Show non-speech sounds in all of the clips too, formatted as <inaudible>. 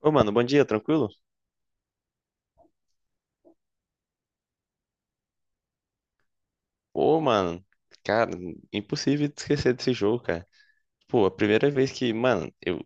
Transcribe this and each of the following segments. Ô, mano, bom dia, tranquilo? Ô, mano, cara, impossível de esquecer desse jogo, cara. Pô, a primeira vez que, mano, eu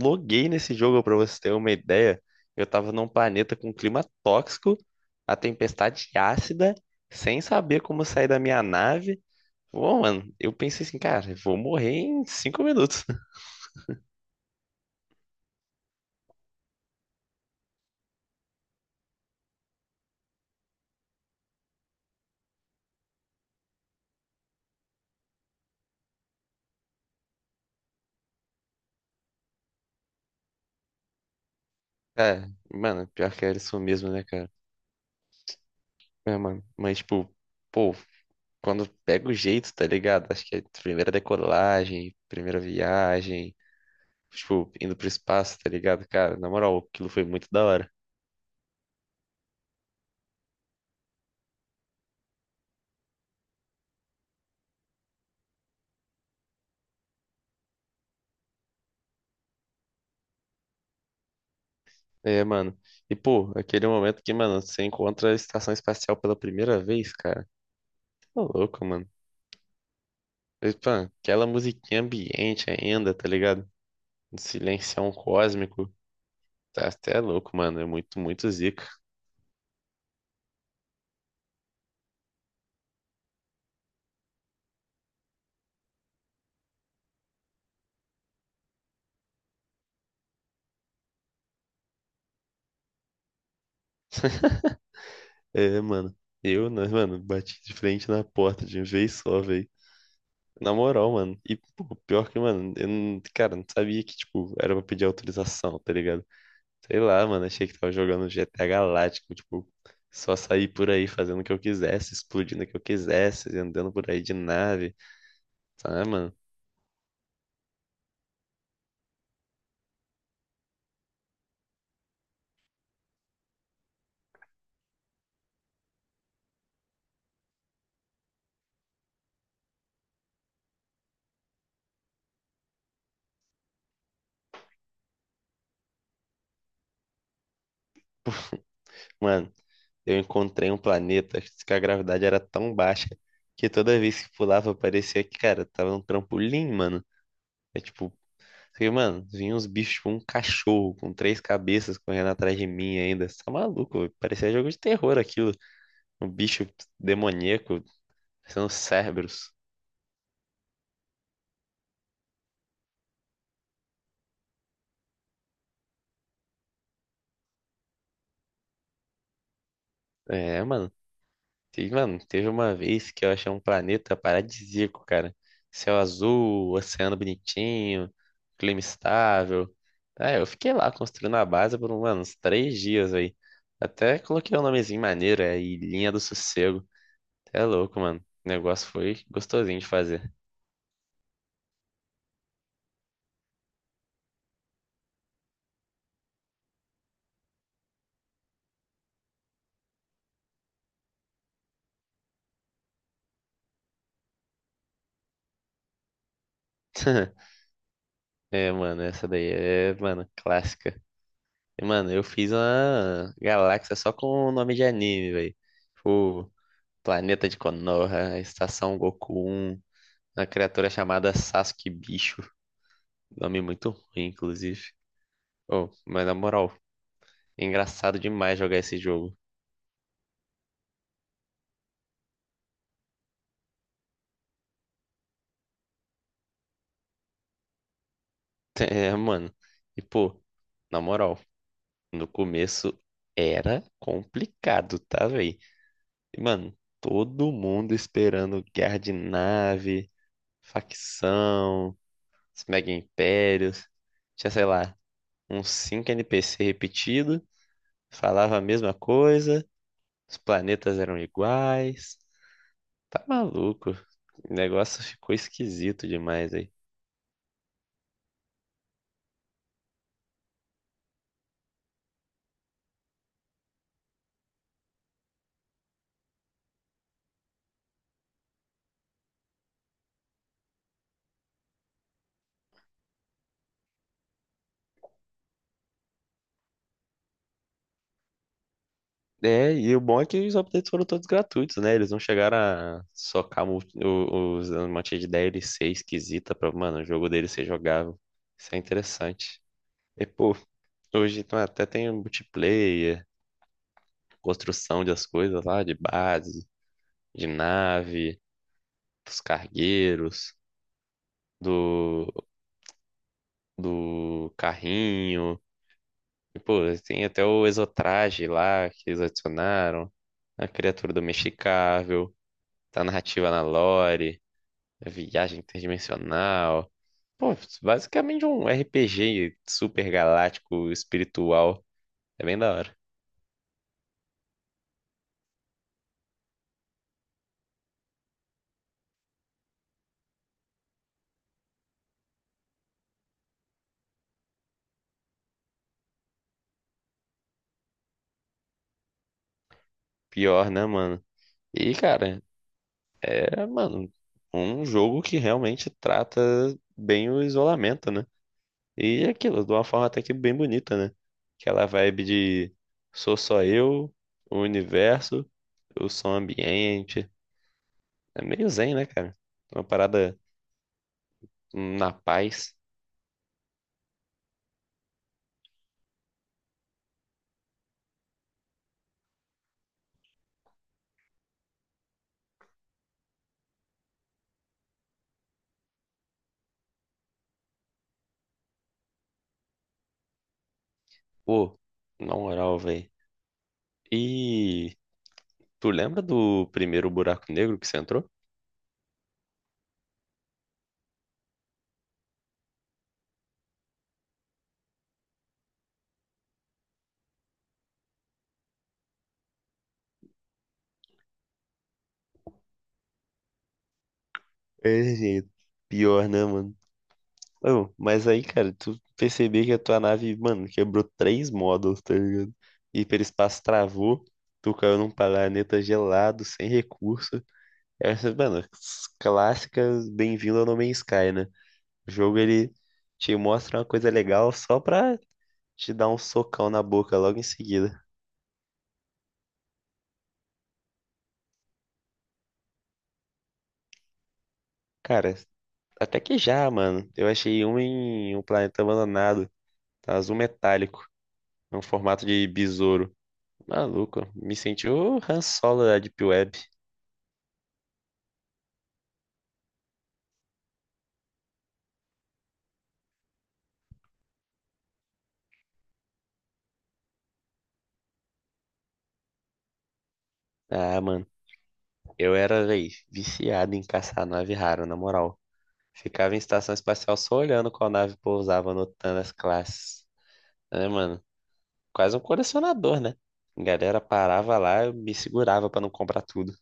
loguei nesse jogo, pra você ter uma ideia, eu tava num planeta com clima tóxico, a tempestade ácida, sem saber como sair da minha nave. Ô, mano, eu pensei assim, cara, eu vou morrer em 5 minutos. <laughs> É, mano, pior que era isso mesmo, né, cara? É, mano, mas tipo, pô, quando pega o jeito, tá ligado? Acho que é primeira decolagem, primeira viagem, tipo, indo pro espaço, tá ligado? Cara, na moral, aquilo foi muito da hora. É, mano. E, pô, aquele momento que, mano, você encontra a estação espacial pela primeira vez, cara. Tá louco, mano. E, pô, aquela musiquinha ambiente ainda, tá ligado? Um silencião cósmico. Tá até louco, mano. É muito, muito zica. É, mano. Eu, né, mano, bati de frente na porta de vez só, velho. Na moral, mano. E, pô, pior que, mano, eu não, cara, não sabia que, tipo, era pra pedir autorização, tá ligado? Sei lá, mano, achei que tava jogando GTA Galáctico, tipo, só sair por aí fazendo o que eu quisesse, explodindo o que eu quisesse, andando por aí de nave, sabe, mano? Mano, eu encontrei um planeta que a gravidade era tão baixa que toda vez que pulava parecia que, cara, tava num trampolim, mano. É tipo, porque, mano, vinha uns bichos, tipo um cachorro com 3 cabeças correndo atrás de mim ainda. Você tá maluco, velho? Parecia jogo de terror aquilo. Um bicho demoníaco, parecendo Cerberus. É, mano. Teve uma vez que eu achei um planeta paradisíaco, cara. Céu azul, oceano bonitinho, clima estável. É, eu fiquei lá construindo a base por, mano, uns 3 dias aí. Até coloquei um nomezinho maneiro, é Ilhinha do Sossego. É louco, mano. O negócio foi gostosinho de fazer. <laughs> É, mano, essa daí é, mano, clássica. E, mano, eu fiz uma galáxia só com o nome de anime, velho. Tipo, Planeta de Konoha, Estação Goku 1, uma criatura chamada Sasuke Bicho. Nome muito ruim, inclusive. Oh, mas na moral, é engraçado demais jogar esse jogo. <laughs> É, mano. E, pô, na moral, no começo era complicado, tá, velho? Mano, todo mundo esperando guerra de nave, facção, os mega impérios. Tinha, sei lá, uns 5 NPC repetidos, falava a mesma coisa, os planetas eram iguais. Tá maluco. O negócio ficou esquisito demais aí. É, e o bom é que os updates foram todos gratuitos, né? Eles não chegaram a socar os um monte de DLC esquisita pra, mano, o jogo deles ser jogável. Isso é interessante. E, pô, hoje então, até tem um multiplayer, construção das coisas lá, de base, de nave, dos cargueiros, do, do carrinho. E, pô, tem até o exotraje lá que eles adicionaram, a criatura domesticável, a narrativa na lore, a viagem interdimensional. Pô, basicamente um RPG super galáctico espiritual. É bem da hora. Pior, né, mano? E, cara, é, mano, um jogo que realmente trata bem o isolamento, né? E é aquilo, de uma forma até que bem bonita, né? Aquela vibe de sou só eu, o universo, o som ambiente. É meio zen, né, cara? Uma parada na paz. Pô, na moral, velho. E tu lembra do primeiro buraco negro que você entrou? É, gente, pior, né, mano? Ô, mas aí, cara, tu perceber que a tua nave, mano, quebrou 3 módulos, tá ligado? Hiperespaço travou, tu caiu num planeta gelado, sem recurso. Essas, mano, clássicas Bem-vindo ao No Man's Sky, né? O jogo, ele te mostra uma coisa legal só pra te dar um socão na boca logo em seguida. Cara, até que já, mano. Eu achei um em um planeta abandonado, tá? Azul metálico, é um formato de besouro. Maluco, me senti o Han Solo da Deep Web. Ah, mano, eu era, véi, viciado em caçar nave rara, na moral. Ficava em estação espacial só olhando qual nave pousava, anotando as classes. É, mano, quase um colecionador, né? A galera parava lá, eu me segurava pra não comprar tudo.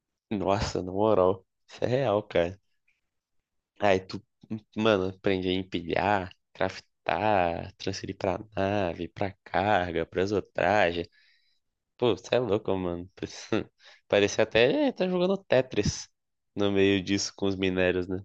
<laughs> Nossa, na moral, isso é real, cara. Aí tu, mano, aprendi a empilhar, craftar, transferir pra nave, pra carga, pra pô, você é louco, mano. <laughs> Parecia até tá jogando Tetris no meio disso com os minérios, né?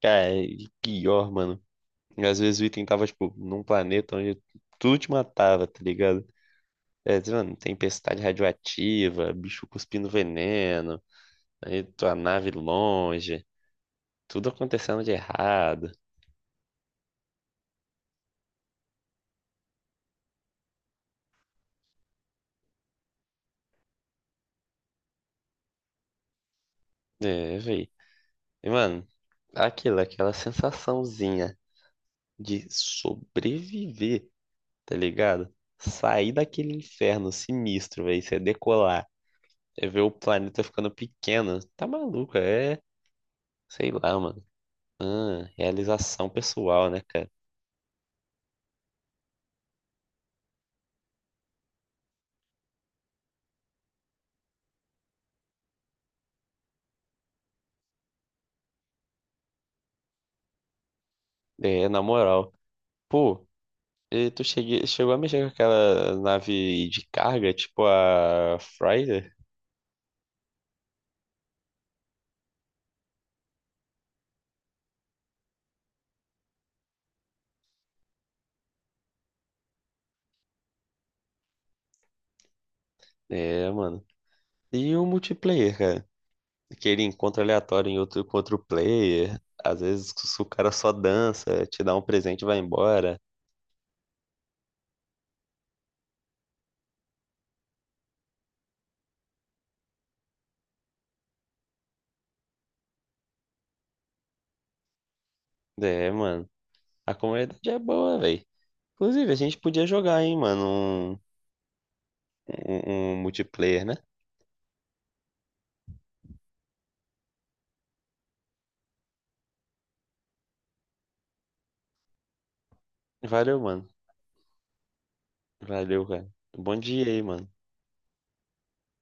Cara, e pior, mano. E às vezes o item tava, tipo, num planeta onde tudo te matava, tá ligado? É, diz, mano, tempestade radioativa, bicho cuspindo veneno, aí tua nave longe, tudo acontecendo de errado. É, véi. E, mano, aquela sensaçãozinha de sobreviver, tá ligado? Sair daquele inferno sinistro, velho, você decolar, é ver o planeta ficando pequeno, tá maluco, é, sei lá, mano, ah, realização pessoal, né, cara? É, na moral, pô, e tu chegou a mexer com aquela nave de carga, tipo a Friday? É, mano. E o multiplayer, cara? Aquele encontro aleatório em outro, com outro player. Às vezes se o cara só dança, te dá um presente e vai embora. É, mano. A comunidade é boa, velho. Inclusive, a gente podia jogar, hein, mano, um multiplayer, né? Valeu, mano. Valeu, cara. Bom dia aí, mano.